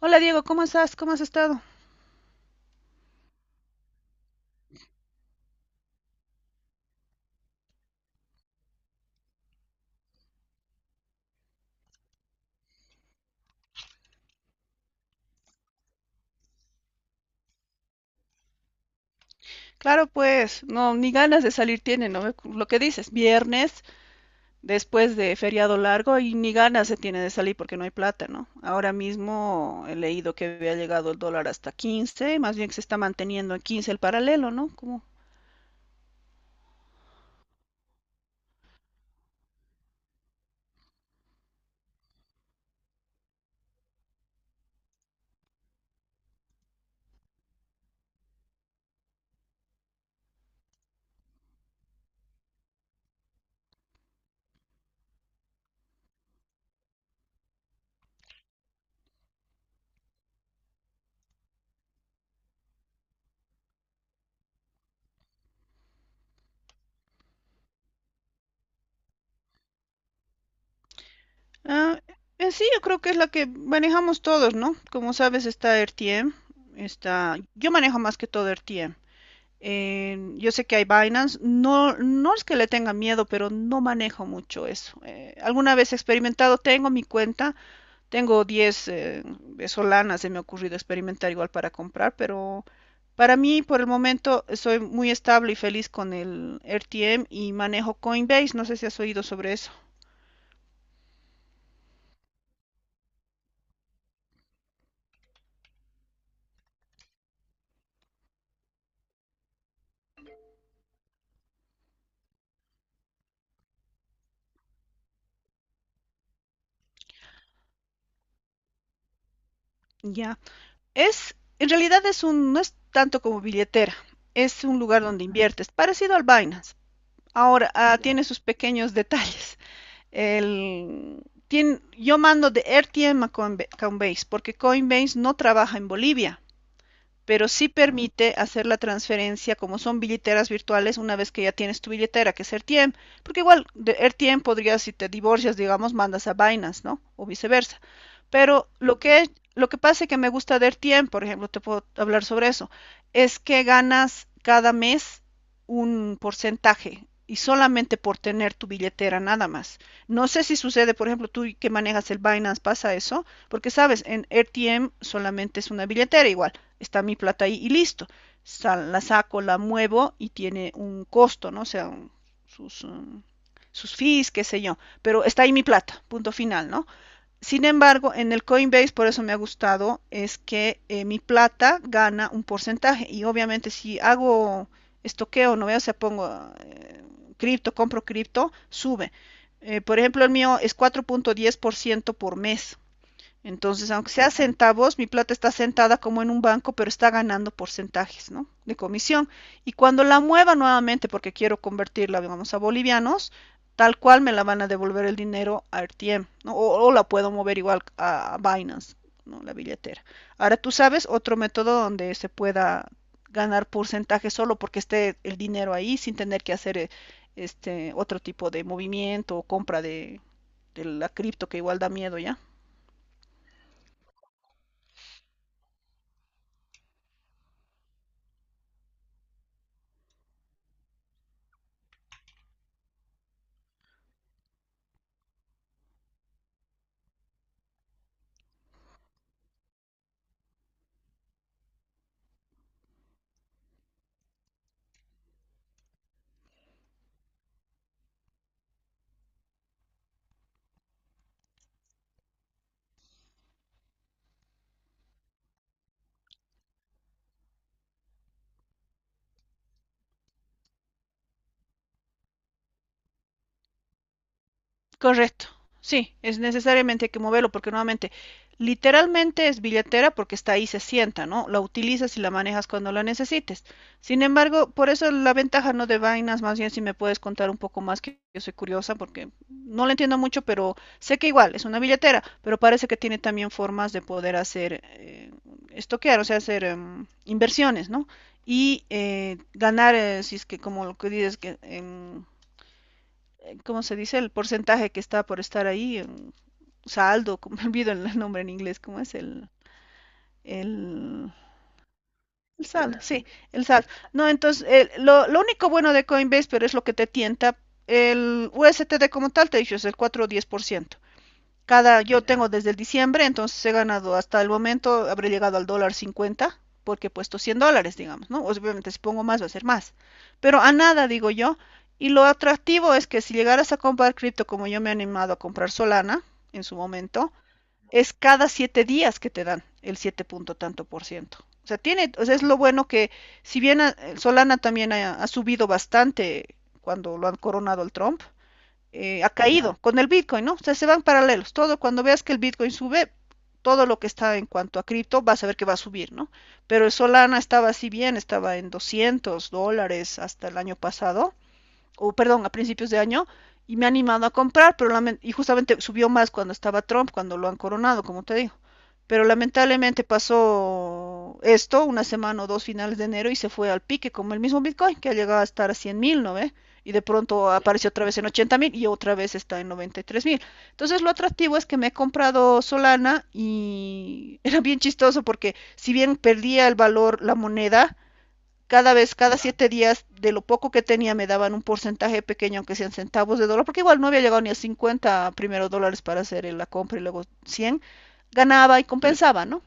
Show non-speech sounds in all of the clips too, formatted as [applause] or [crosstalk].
Hola Diego, ¿cómo estás? ¿Cómo has estado? Claro, pues, no, ni ganas de salir tiene, ¿no? Lo que dices, viernes, después de feriado largo, y ni ganas se tiene de salir porque no hay plata, ¿no? Ahora mismo he leído que había llegado el dólar hasta 15, más bien que se está manteniendo en 15 el paralelo, ¿no? Como, ah, en sí, yo creo que es la que manejamos todos, ¿no? Como sabes, está RTM, yo manejo más que todo RTM. Yo sé que hay Binance, no, no es que le tenga miedo, pero no manejo mucho eso. Alguna vez he experimentado, tengo mi cuenta, tengo 10 solanas, se me ha ocurrido experimentar igual para comprar, pero para mí por el momento soy muy estable y feliz con el RTM y manejo Coinbase, no sé si has oído sobre eso. Ya, en realidad no es tanto como billetera, es un lugar donde inviertes, parecido al Binance. Ahora, tiene sus pequeños detalles. el, yo mando de RTM a Coinbase porque Coinbase no trabaja en Bolivia pero sí permite hacer la transferencia como son billeteras virtuales una vez que ya tienes tu billetera, que es AirTM, porque igual de AirTM podrías, si te divorcias, digamos, mandas a Binance, ¿no? O viceversa. Pero lo que pasa es que me gusta de AirTM, por ejemplo, te puedo hablar sobre eso, es que ganas cada mes un porcentaje y solamente por tener tu billetera nada más. No sé si sucede, por ejemplo, tú que manejas el Binance, pasa eso, porque sabes, en RTM solamente es una billetera igual, está mi plata ahí y listo. Sal- la saco, la muevo y tiene un costo, ¿no? O sea, un- sus, um, sus fees, qué sé yo, pero está ahí mi plata, punto final, ¿no? Sin embargo, en el Coinbase, por eso me ha gustado, es que mi plata gana un porcentaje y obviamente si hago estoqueo, no veo, o sea, pongo eh, cripto, compro cripto, sube. Por ejemplo, el mío es 4.10% por ciento por mes. Entonces, aunque sea centavos, mi plata está sentada como en un banco, pero está ganando porcentajes, ¿no? De comisión. Y cuando la mueva nuevamente, porque quiero convertirla, digamos, a bolivianos, tal cual me la van a devolver el dinero a RTM, ¿no? O la puedo mover igual a Binance, ¿no? La billetera. Ahora tú sabes otro método donde se pueda ganar porcentajes solo porque esté el dinero ahí sin tener que hacer este otro tipo de movimiento o compra de la cripto que igual da miedo ya. Correcto. Sí, es necesariamente hay que moverlo porque nuevamente, literalmente es billetera porque está ahí, se sienta, ¿no? La utilizas y la manejas cuando la necesites. Sin embargo, por eso la ventaja no de vainas, más bien si me puedes contar un poco más, que yo soy curiosa porque no la entiendo mucho, pero sé que igual es una billetera, pero parece que tiene también formas de poder hacer, estoquear, o sea, hacer inversiones, ¿no? Y ganar, si es que como lo que dices, que ¿cómo se dice? El porcentaje que está por estar ahí, en saldo, [laughs] me olvido el nombre en inglés, ¿cómo es? El, el saldo, sí, el saldo. No, entonces, lo único bueno de Coinbase, pero es lo que te tienta, el USTD como tal, te he dicho, es el 4 o 10% cada, yo tengo desde el diciembre, entonces he ganado hasta el momento, habré llegado al dólar 50, porque he puesto $100, digamos, ¿no? Obviamente si pongo más va a ser más. Pero a nada, digo yo. Y lo atractivo es que si llegaras a comprar cripto como yo me he animado a comprar Solana en su momento, es cada 7 días que te dan el 7 punto tanto por ciento. O sea, tiene, o sea, es lo bueno que si bien a- Solana también ha subido bastante cuando lo han coronado el Trump, ha caído con el Bitcoin, ¿no? O sea, se van paralelos. Todo cuando veas que el Bitcoin sube, todo lo que está en cuanto a cripto, vas a ver que va a subir, ¿no? Pero el Solana estaba así bien, estaba en $200 hasta el año pasado o perdón, a principios de año, y me ha animado a comprar, pero y justamente subió más cuando estaba Trump, cuando lo han coronado, como te digo. Pero lamentablemente pasó esto, una semana o dos finales de enero, y se fue al pique, como el mismo Bitcoin, que ha llegado a estar a 100 mil, ¿no ve? Y de pronto apareció otra vez en 80 mil y otra vez está en 93 mil. Entonces lo atractivo es que me he comprado Solana y [laughs] era bien chistoso porque si bien perdía el valor la moneda, cada vez, cada 7 días, de lo poco que tenía, me daban un porcentaje pequeño, aunque sean centavos de dólar, porque igual no había llegado ni a 50 primero dólares para hacer la compra y luego 100, ganaba y compensaba, ¿no?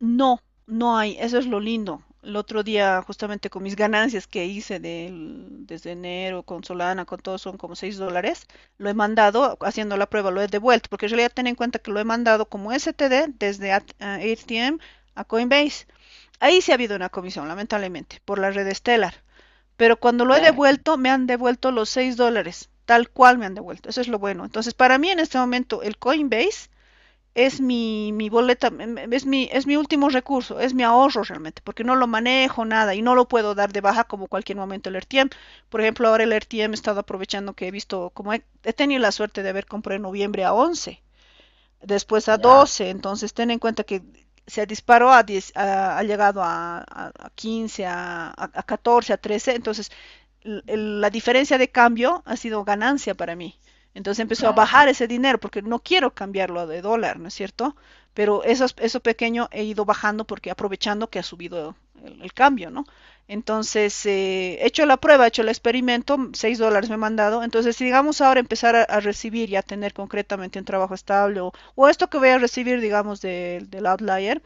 No, no hay, eso es lo lindo. El otro día, justamente con mis ganancias que hice del- desde enero con Solana, con todo, son como 6 dólares, lo he mandado, haciendo la prueba, lo he devuelto, porque en realidad ten en cuenta que lo he mandado como STD desde AT- a ATM a Coinbase. Ahí sí ha habido una comisión, lamentablemente, por la red Stellar, pero cuando lo he, claro, devuelto, me han devuelto los 6 dólares, tal cual me han devuelto, eso es lo bueno. Entonces, para mí en este momento, el Coinbase es mi boleta, es mi último recurso, es mi ahorro realmente, porque no lo manejo nada y no lo puedo dar de baja como cualquier momento el RTM. Por ejemplo, ahora el RTM he estado aprovechando que he visto, como he tenido la suerte de haber comprado en noviembre a 11 después a 12 entonces ten en cuenta que se disparó a 10, ha llegado a 15, a 13, entonces la diferencia de cambio ha sido ganancia para mí. Entonces empezó a, claro, bajar ese dinero porque no quiero cambiarlo de dólar, ¿no es cierto? Pero eso pequeño he ido bajando porque aprovechando que ha subido el cambio, ¿no? Entonces, he hecho la prueba, he hecho el experimento, 6 dólares me han mandado. Entonces, si digamos ahora empezar a recibir y a tener concretamente un trabajo estable o esto que voy a recibir, digamos, del Outlier,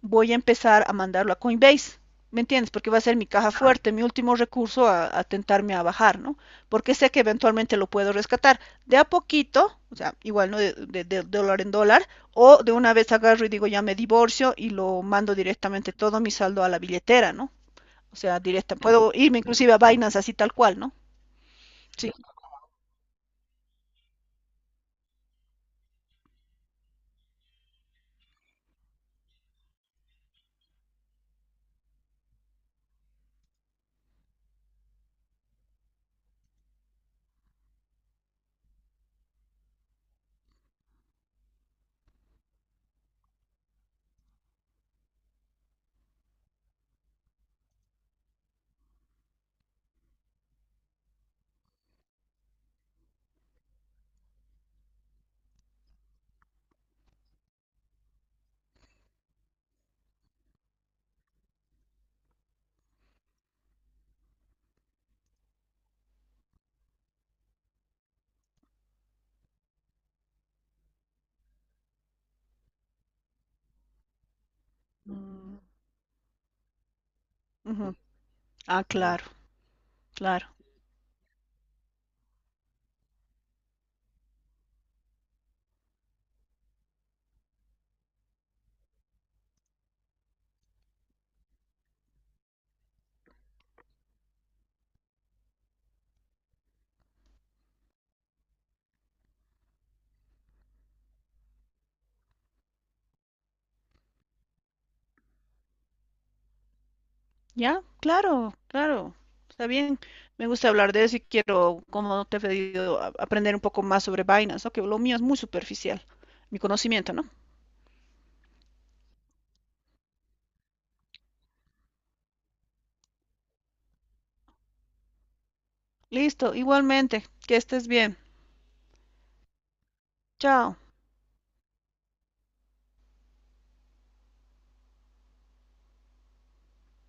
voy a empezar a mandarlo a Coinbase. ¿Me entiendes? Porque va a ser mi caja fuerte, mi último recurso tentarme a bajar, ¿no? Porque sé que eventualmente lo puedo rescatar de a poquito, o sea, igual, ¿no? De dólar en dólar, o de una vez agarro y digo ya me divorcio y lo mando directamente todo mi saldo a la billetera, ¿no? O sea, directa. Puedo irme inclusive a Binance así tal cual, ¿no? Sí. Mm, ujú. Ah, claro, claro. Ya, claro, claro. Está bien. Me gusta hablar de eso y quiero, como te he pedido, aprender un poco más sobre Binance, ¿no? Que lo mío es muy superficial, mi conocimiento, ¿no? Listo, igualmente. Que estés bien. Chao.